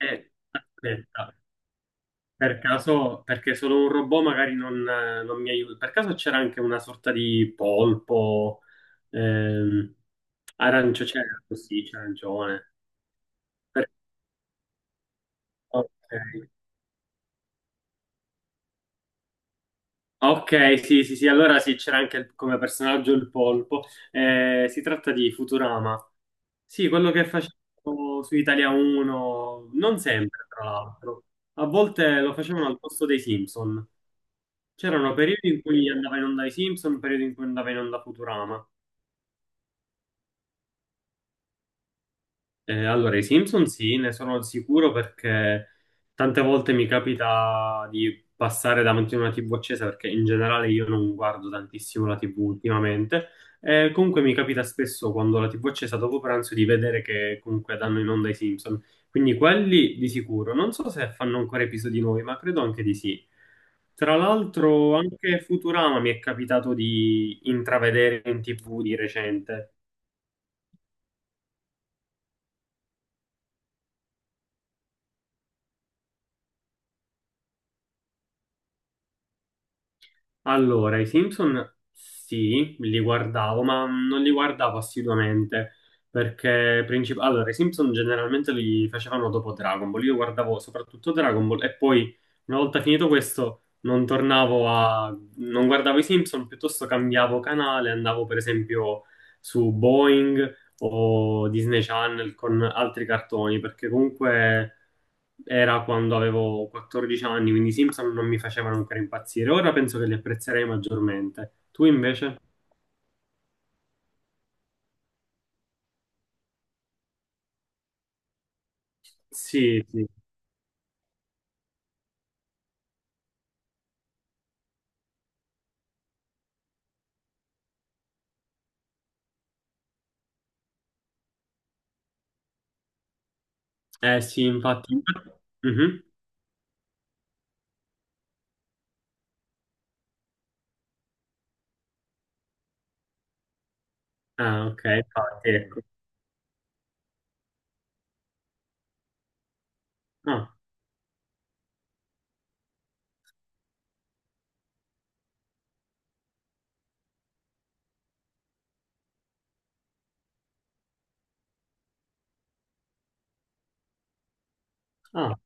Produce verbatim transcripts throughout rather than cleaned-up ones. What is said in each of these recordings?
Eh, aspetta, per caso, perché solo un robot magari non, eh, non mi aiuta. Per caso c'era anche una sorta di polpo, ehm, arancio, c'era così, c'era arancione. Per- ok. Ok, sì, sì, sì, allora sì, c'era anche il- come personaggio il polpo. Eh, si tratta di Futurama. Sì, quello che facevo su Italia uno, non sempre, tra l'altro. A volte lo facevano al posto dei Simpson. C'erano periodi in cui andava in onda i Simpson, periodi in cui andava in onda Futurama. Eh, allora, i Simpson sì, ne sono sicuro perché tante volte mi capita di passare davanti a una tivù accesa perché in generale io non guardo tantissimo la tivù ultimamente. Eh, comunque mi capita spesso quando la tivù è accesa dopo pranzo di vedere che comunque danno in onda i Simpson. Quindi quelli di sicuro. Non so se fanno ancora episodi nuovi, ma credo anche di sì. Tra l'altro anche Futurama mi è capitato di intravedere in ti vu di recente. Allora, i Simpson sì, li guardavo, ma non li guardavo assiduamente perché princip- allora, i Simpson generalmente li facevano dopo Dragon Ball. Io guardavo soprattutto Dragon Ball e poi una volta finito questo non tornavo a non guardavo i Simpson, piuttosto cambiavo canale, andavo per esempio su Boeing o Disney Channel con altri cartoni, perché comunque era quando avevo quattordici anni, quindi i Simpson non mi facevano ancora impazzire. Ora penso che li apprezzerei maggiormente. Tu invece? Sì, sì. Eh sì, infatti. Mhm. Ah, ok, infatti, ecco. Ah, ah.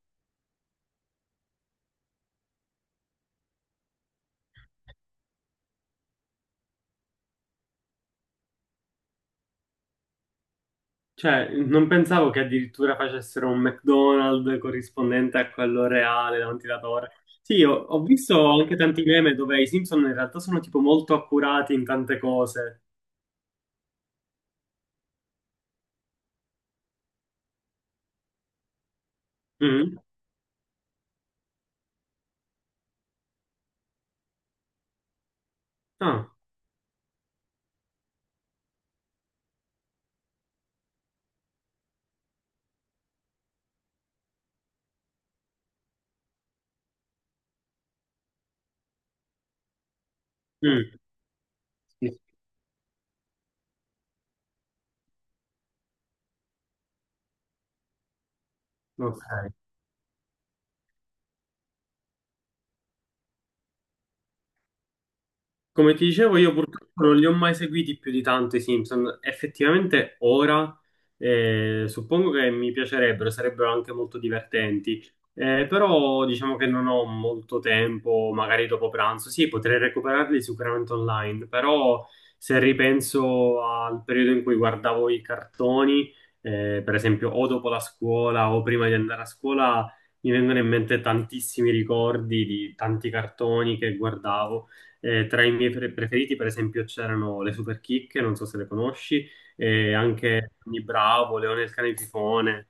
Cioè, non pensavo che addirittura facessero un McDonald's corrispondente a quello reale davanti alla torre. Sì, ho, ho visto anche tanti meme dove i Simpson in realtà sono tipo molto accurati in tante cose. Mhm. Ah, mm. Sì, Ok. Come ti dicevo, io purtroppo non li ho mai seguiti più di tanto i Simpson. Effettivamente ora eh, suppongo che mi piacerebbero, sarebbero anche molto divertenti. Eh, però diciamo che non ho molto tempo, magari dopo pranzo. Sì, potrei recuperarli sicuramente online, però se ripenso al periodo in cui guardavo i cartoni, eh, per esempio o dopo la scuola o prima di andare a scuola, mi vengono in mente tantissimi ricordi di tanti cartoni che guardavo. Eh, tra i miei pre- preferiti, per esempio, c'erano le Superchicche, non so se le conosci, e anche Tony Bravo, Leone il cane fifone.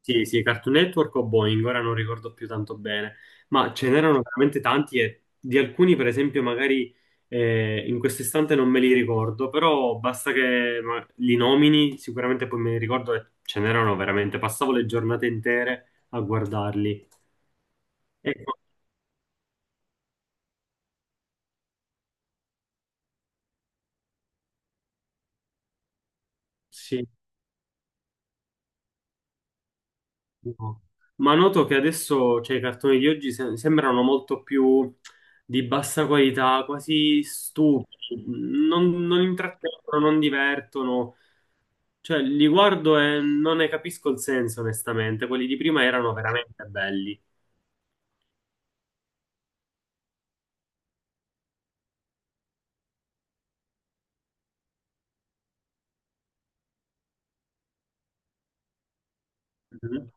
Sì, sì, Cartoon Network o Boeing, ora non ricordo più tanto bene, ma ce n'erano veramente tanti e di alcuni, per esempio, magari eh, in questo istante non me li ricordo, però basta che ma, li nomini, sicuramente poi me li ricordo e ce n'erano veramente, passavo le giornate intere a guardarli. Ecco, sì. No. Ma noto che adesso, cioè, i cartoni di oggi se- sembrano molto più di bassa qualità, quasi stupidi, non, non intrattengono, non divertono, cioè li guardo e non ne capisco il senso, onestamente, quelli di prima erano veramente belli. Mhm.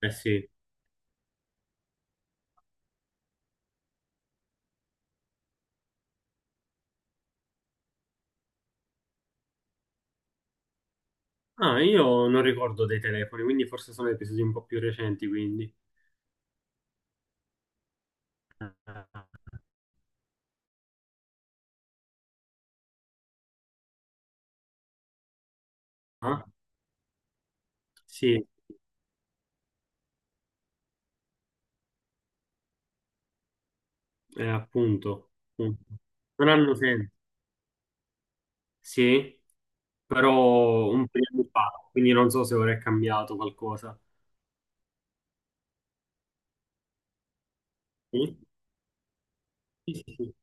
Eh sì. Ah, io non ricordo dei telefoni, quindi forse sono episodi un po' più recenti, quindi. Ah, sì, eh, appunto, appunto. Non hanno senso. Sì. Però un periodo fa, quindi non so se ora è cambiato qualcosa. Sì? Sì, sì, sì.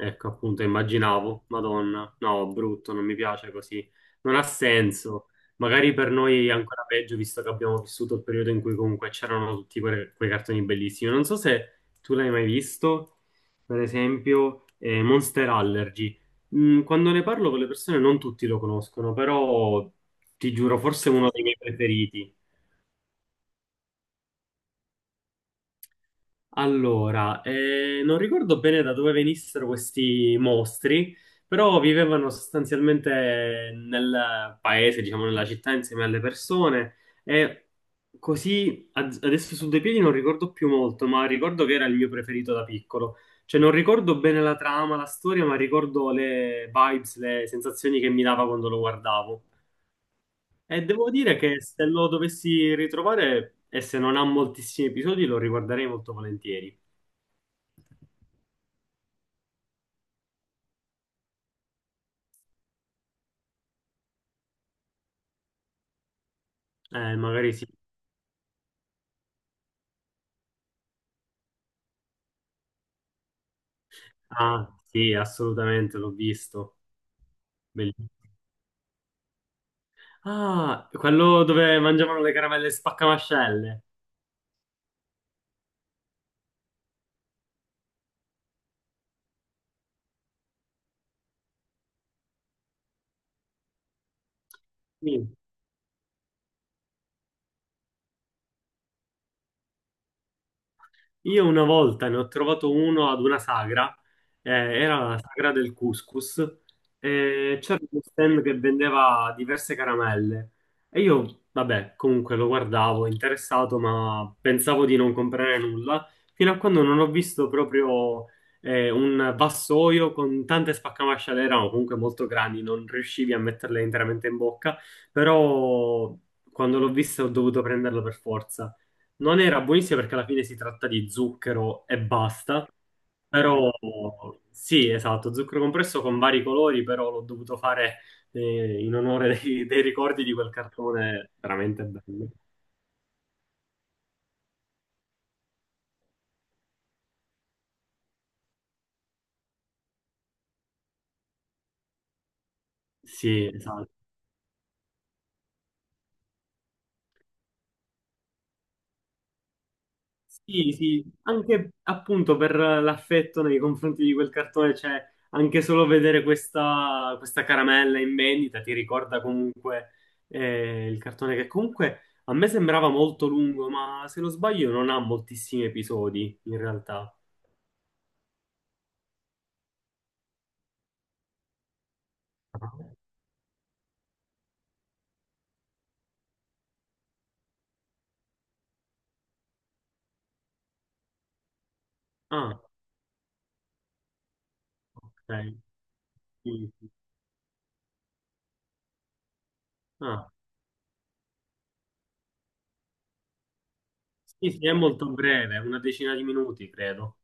Ecco, appunto, immaginavo, Madonna, no, brutto, non mi piace così, non ha senso. Magari per noi è ancora peggio, visto che abbiamo vissuto il periodo in cui comunque c'erano tutti que- quei cartoni bellissimi. Non so se tu l'hai mai visto, per esempio, eh, Monster Allergy. Mm, quando ne parlo con le persone non tutti lo conoscono, però ti giuro, forse è uno dei miei preferiti. Allora, eh, non ricordo bene da dove venissero questi mostri, però vivevano sostanzialmente nel paese, diciamo nella città, insieme alle persone e così ad- adesso su due piedi non ricordo più molto, ma ricordo che era il mio preferito da piccolo. Cioè non ricordo bene la trama, la storia, ma ricordo le vibes, le sensazioni che mi dava quando lo guardavo. E devo dire che se lo dovessi ritrovare e se non ha moltissimi episodi lo riguarderei molto volentieri. Eh, magari sì. Ah, sì, assolutamente, l'ho visto. Bellissimo. Ah, quello dove mangiavano le caramelle spaccamascelle. Sì. Io una volta ne ho trovato uno ad una sagra, eh, era la sagra del couscous, e c'era uno stand che vendeva diverse caramelle. E io, vabbè, comunque lo guardavo interessato, ma pensavo di non comprare nulla, fino a quando non ho visto proprio eh, un vassoio con tante spaccamasciale, erano comunque molto grandi, non riuscivi a metterle interamente in bocca, però quando l'ho vista ho dovuto prenderlo per forza. Non era buonissima perché alla fine si tratta di zucchero e basta, però sì, esatto, zucchero compresso con vari colori, però l'ho dovuto fare eh, in onore dei, dei ricordi di quel cartone veramente bello. Sì, esatto. Sì, sì, anche appunto per l'affetto nei confronti di quel cartone, cioè anche solo vedere questa, questa caramella in vendita ti ricorda comunque eh, il cartone che comunque a me sembrava molto lungo, ma se non sbaglio non ha moltissimi episodi in realtà. Ah, ok. Sì, sì. Ah, sì, sì, è molto breve, una decina di minuti credo.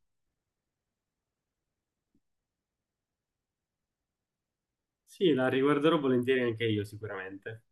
Sì, la riguarderò volentieri anche io sicuramente.